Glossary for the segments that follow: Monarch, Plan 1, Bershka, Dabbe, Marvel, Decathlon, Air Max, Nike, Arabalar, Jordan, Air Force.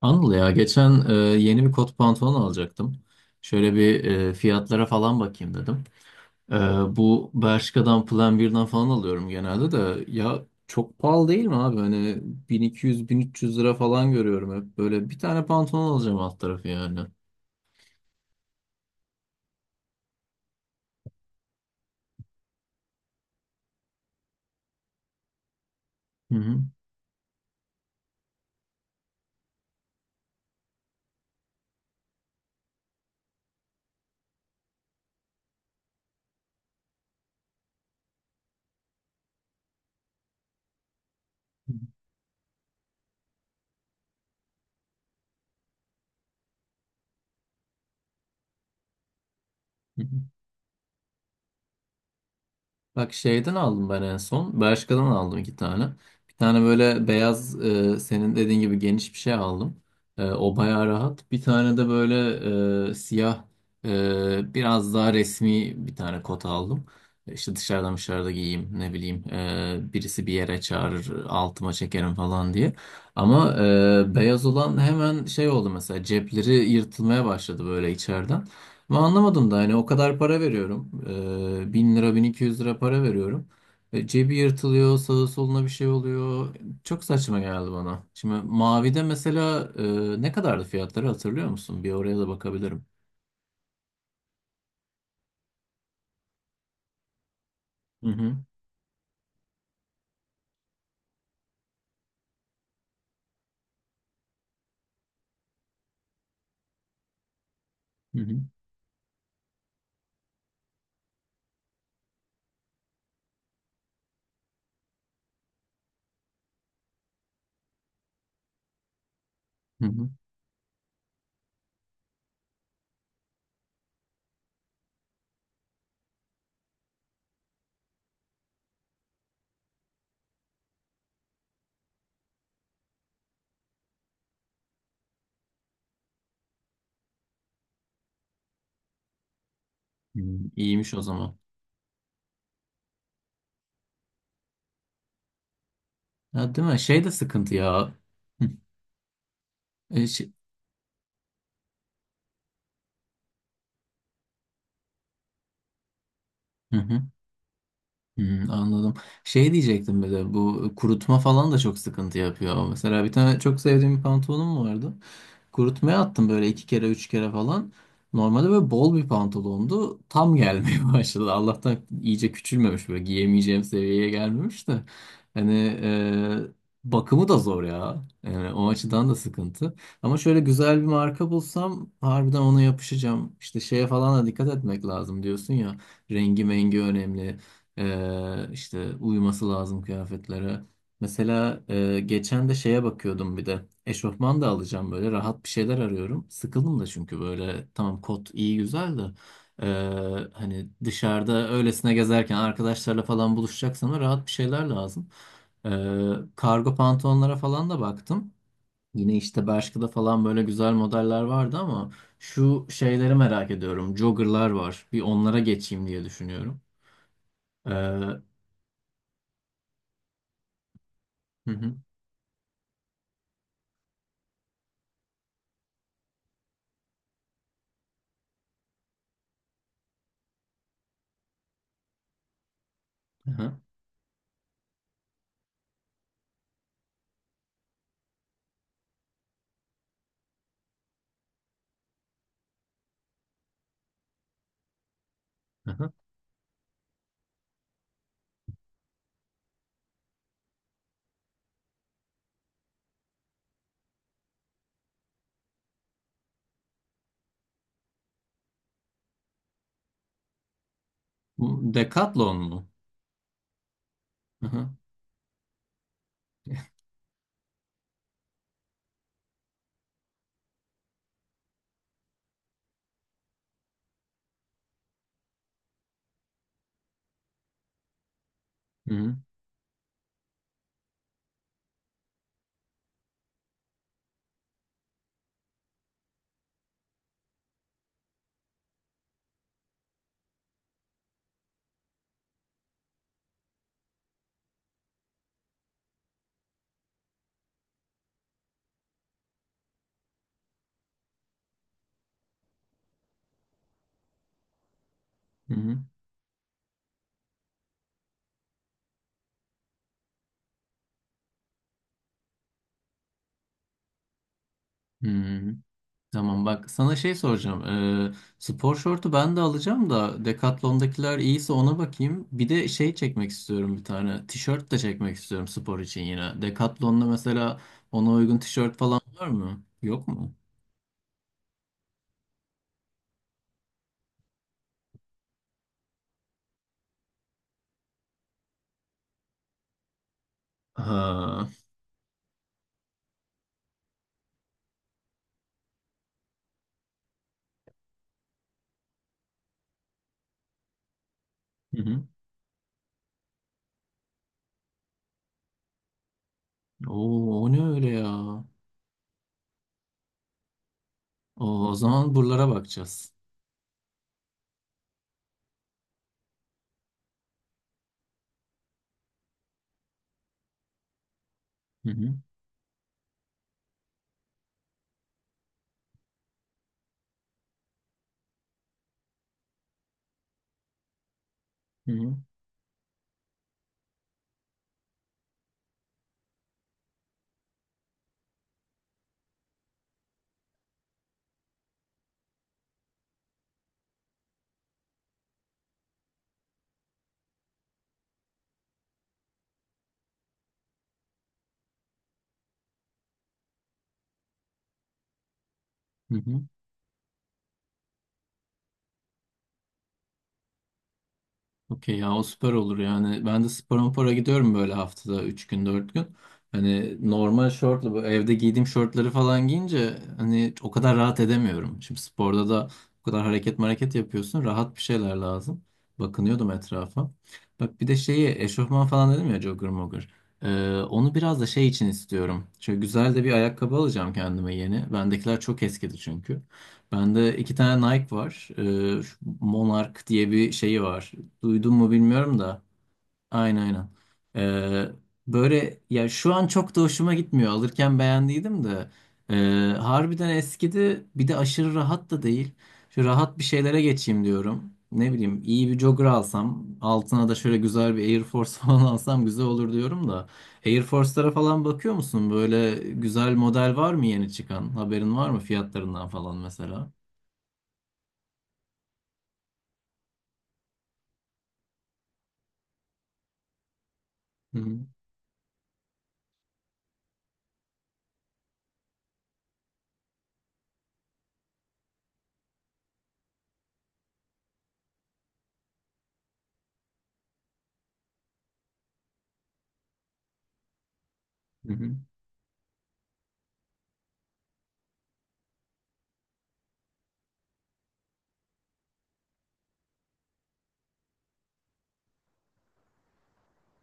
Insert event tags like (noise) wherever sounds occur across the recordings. Anıl ya geçen yeni bir kot pantolon alacaktım. Şöyle bir fiyatlara falan bakayım dedim. E, Bu Bershka'dan Plan 1'den falan alıyorum genelde de. Ya çok pahalı değil mi abi? Hani 1.200-1.300 lira falan görüyorum hep. Böyle bir tane pantolon alacağım alt tarafı yani. Hı hı. Bak şeyden aldım ben en son. Bershka'dan aldım iki tane. Bir tane böyle beyaz, senin dediğin gibi geniş bir şey aldım. O bayağı rahat. Bir tane de böyle siyah, biraz daha resmi bir tane kot aldım. İşte dışarıda giyeyim, ne bileyim, birisi bir yere çağırır altıma çekerim falan diye. Ama beyaz olan hemen şey oldu, mesela cepleri yırtılmaya başladı böyle içeriden. Ama anlamadım da, hani o kadar para veriyorum. 1.000 lira, 1.200 lira para veriyorum. Cebi yırtılıyor, sağa soluna bir şey oluyor. Çok saçma geldi bana. Şimdi mavide mesela, ne kadardı fiyatları hatırlıyor musun? Bir oraya da bakabilirim. Hı hı. Hı hı. Hı hı. Hı, İyiymiş o zaman. Ya değil mi? Şey de sıkıntı ya. Hı. E, şey- Hı hı. Hı, anladım. Şey diyecektim, bir de bu kurutma falan da çok sıkıntı yapıyor. Mesela bir tane çok sevdiğim bir pantolonum vardı. Kurutmaya attım böyle iki kere üç kere falan. Normalde böyle bol bir pantolondu. Tam gelmeye (laughs) başladı. Allah'tan iyice küçülmemiş, böyle giyemeyeceğim seviyeye gelmemiş de. Hani e, bakımı da zor ya. Yani o açıdan da sıkıntı. Ama şöyle güzel bir marka bulsam harbiden ona yapışacağım. İşte şeye falan da dikkat etmek lazım diyorsun ya. Rengi mengi önemli. İşte uyuması lazım kıyafetlere. Mesela geçen de şeye bakıyordum bir de. Eşofman da alacağım, böyle rahat bir şeyler arıyorum. Sıkıldım da çünkü, böyle tamam kot iyi güzel de e, hani dışarıda öylesine gezerken arkadaşlarla falan buluşacaksam da rahat bir şeyler lazım. E, Kargo pantolonlara falan da baktım. Yine işte Bershka'da falan böyle güzel modeller vardı ama şu şeyleri merak ediyorum. Jogger'lar var. Bir onlara geçeyim diye düşünüyorum. Hı hı, hı hı, hı hı. Bu Decathlon mu? (laughs) Hı hı, hı hı, hı hı. Tamam bak, sana şey soracağım. Ee, Spor şortu ben de alacağım da, Decathlon'dakiler iyiyse ona bakayım. Bir de şey çekmek istiyorum bir tane. Tişört de çekmek istiyorum spor için yine. Decathlon'da mesela ona uygun tişört falan var mı? Yok mu? Ha. Hı hı. Oo, o ne öyle ya? Oo, o zaman buralara bakacağız. Hı hı, hı hı, hı hı. Okey ya, o süper olur yani. Ben de spora para gidiyorum böyle haftada 3 gün 4 gün. Hani normal şortla, bu evde giydiğim şortları falan giyince hani o kadar rahat edemiyorum. Şimdi sporda da o kadar hareket hareket yapıyorsun. Rahat bir şeyler lazım. Bakınıyordum etrafa. Bak, bir de şeyi eşofman falan dedim ya, jogger mogger. Onu biraz da şey için istiyorum. Şöyle güzel de bir ayakkabı alacağım kendime yeni. Bendekiler çok eskidi çünkü. Bende iki tane Nike var. Şu Monarch diye bir şeyi var. Duydun mu bilmiyorum da. Aynen, aynen. Ee, Böyle ya, şu an çok da hoşuma gitmiyor. Alırken beğendiydim de. Ee, Harbiden eskidi. Bir de aşırı rahat da değil. Şu rahat bir şeylere geçeyim diyorum. Ne bileyim, iyi bir jogger alsam. Altına da şöyle güzel bir Air Force (laughs) falan alsam güzel olur diyorum da. Air Force'lara falan bakıyor musun? Böyle güzel model var mı yeni çıkan? Haberin var mı fiyatlarından falan mesela? Hı hı. Hı hı.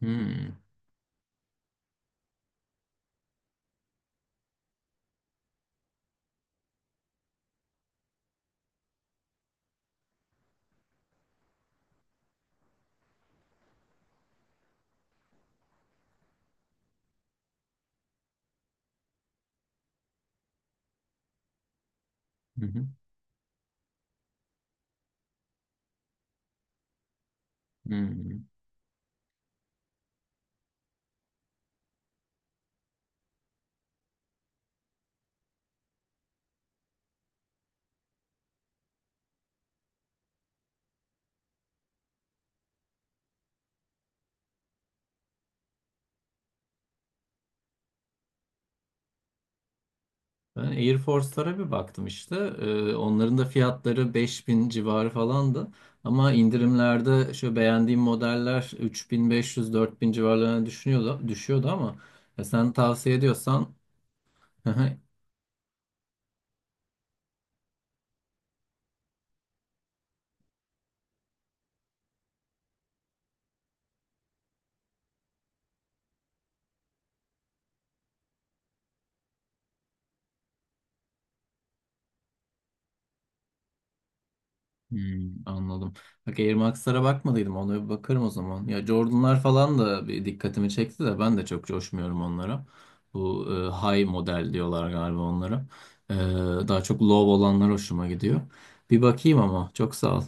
Hı hı. Hı hı. Hı. Ben Air Force'lara bir baktım işte. Onların da fiyatları 5.000 civarı falandı. Ama indirimlerde şu beğendiğim modeller 3.500 4.000 civarlarına düşüyordu ama ya sen tavsiye ediyorsan. (laughs) Hmm, anladım. Bak Air Max'lara bakmadıydım. Ona bir bakarım o zaman. Ya Jordan'lar falan da bir dikkatimi çekti de ben de çok coşmuyorum onlara. Bu high model diyorlar galiba onlara. E, Daha çok low olanlar hoşuma gidiyor. Bir bakayım ama çok sağ ol.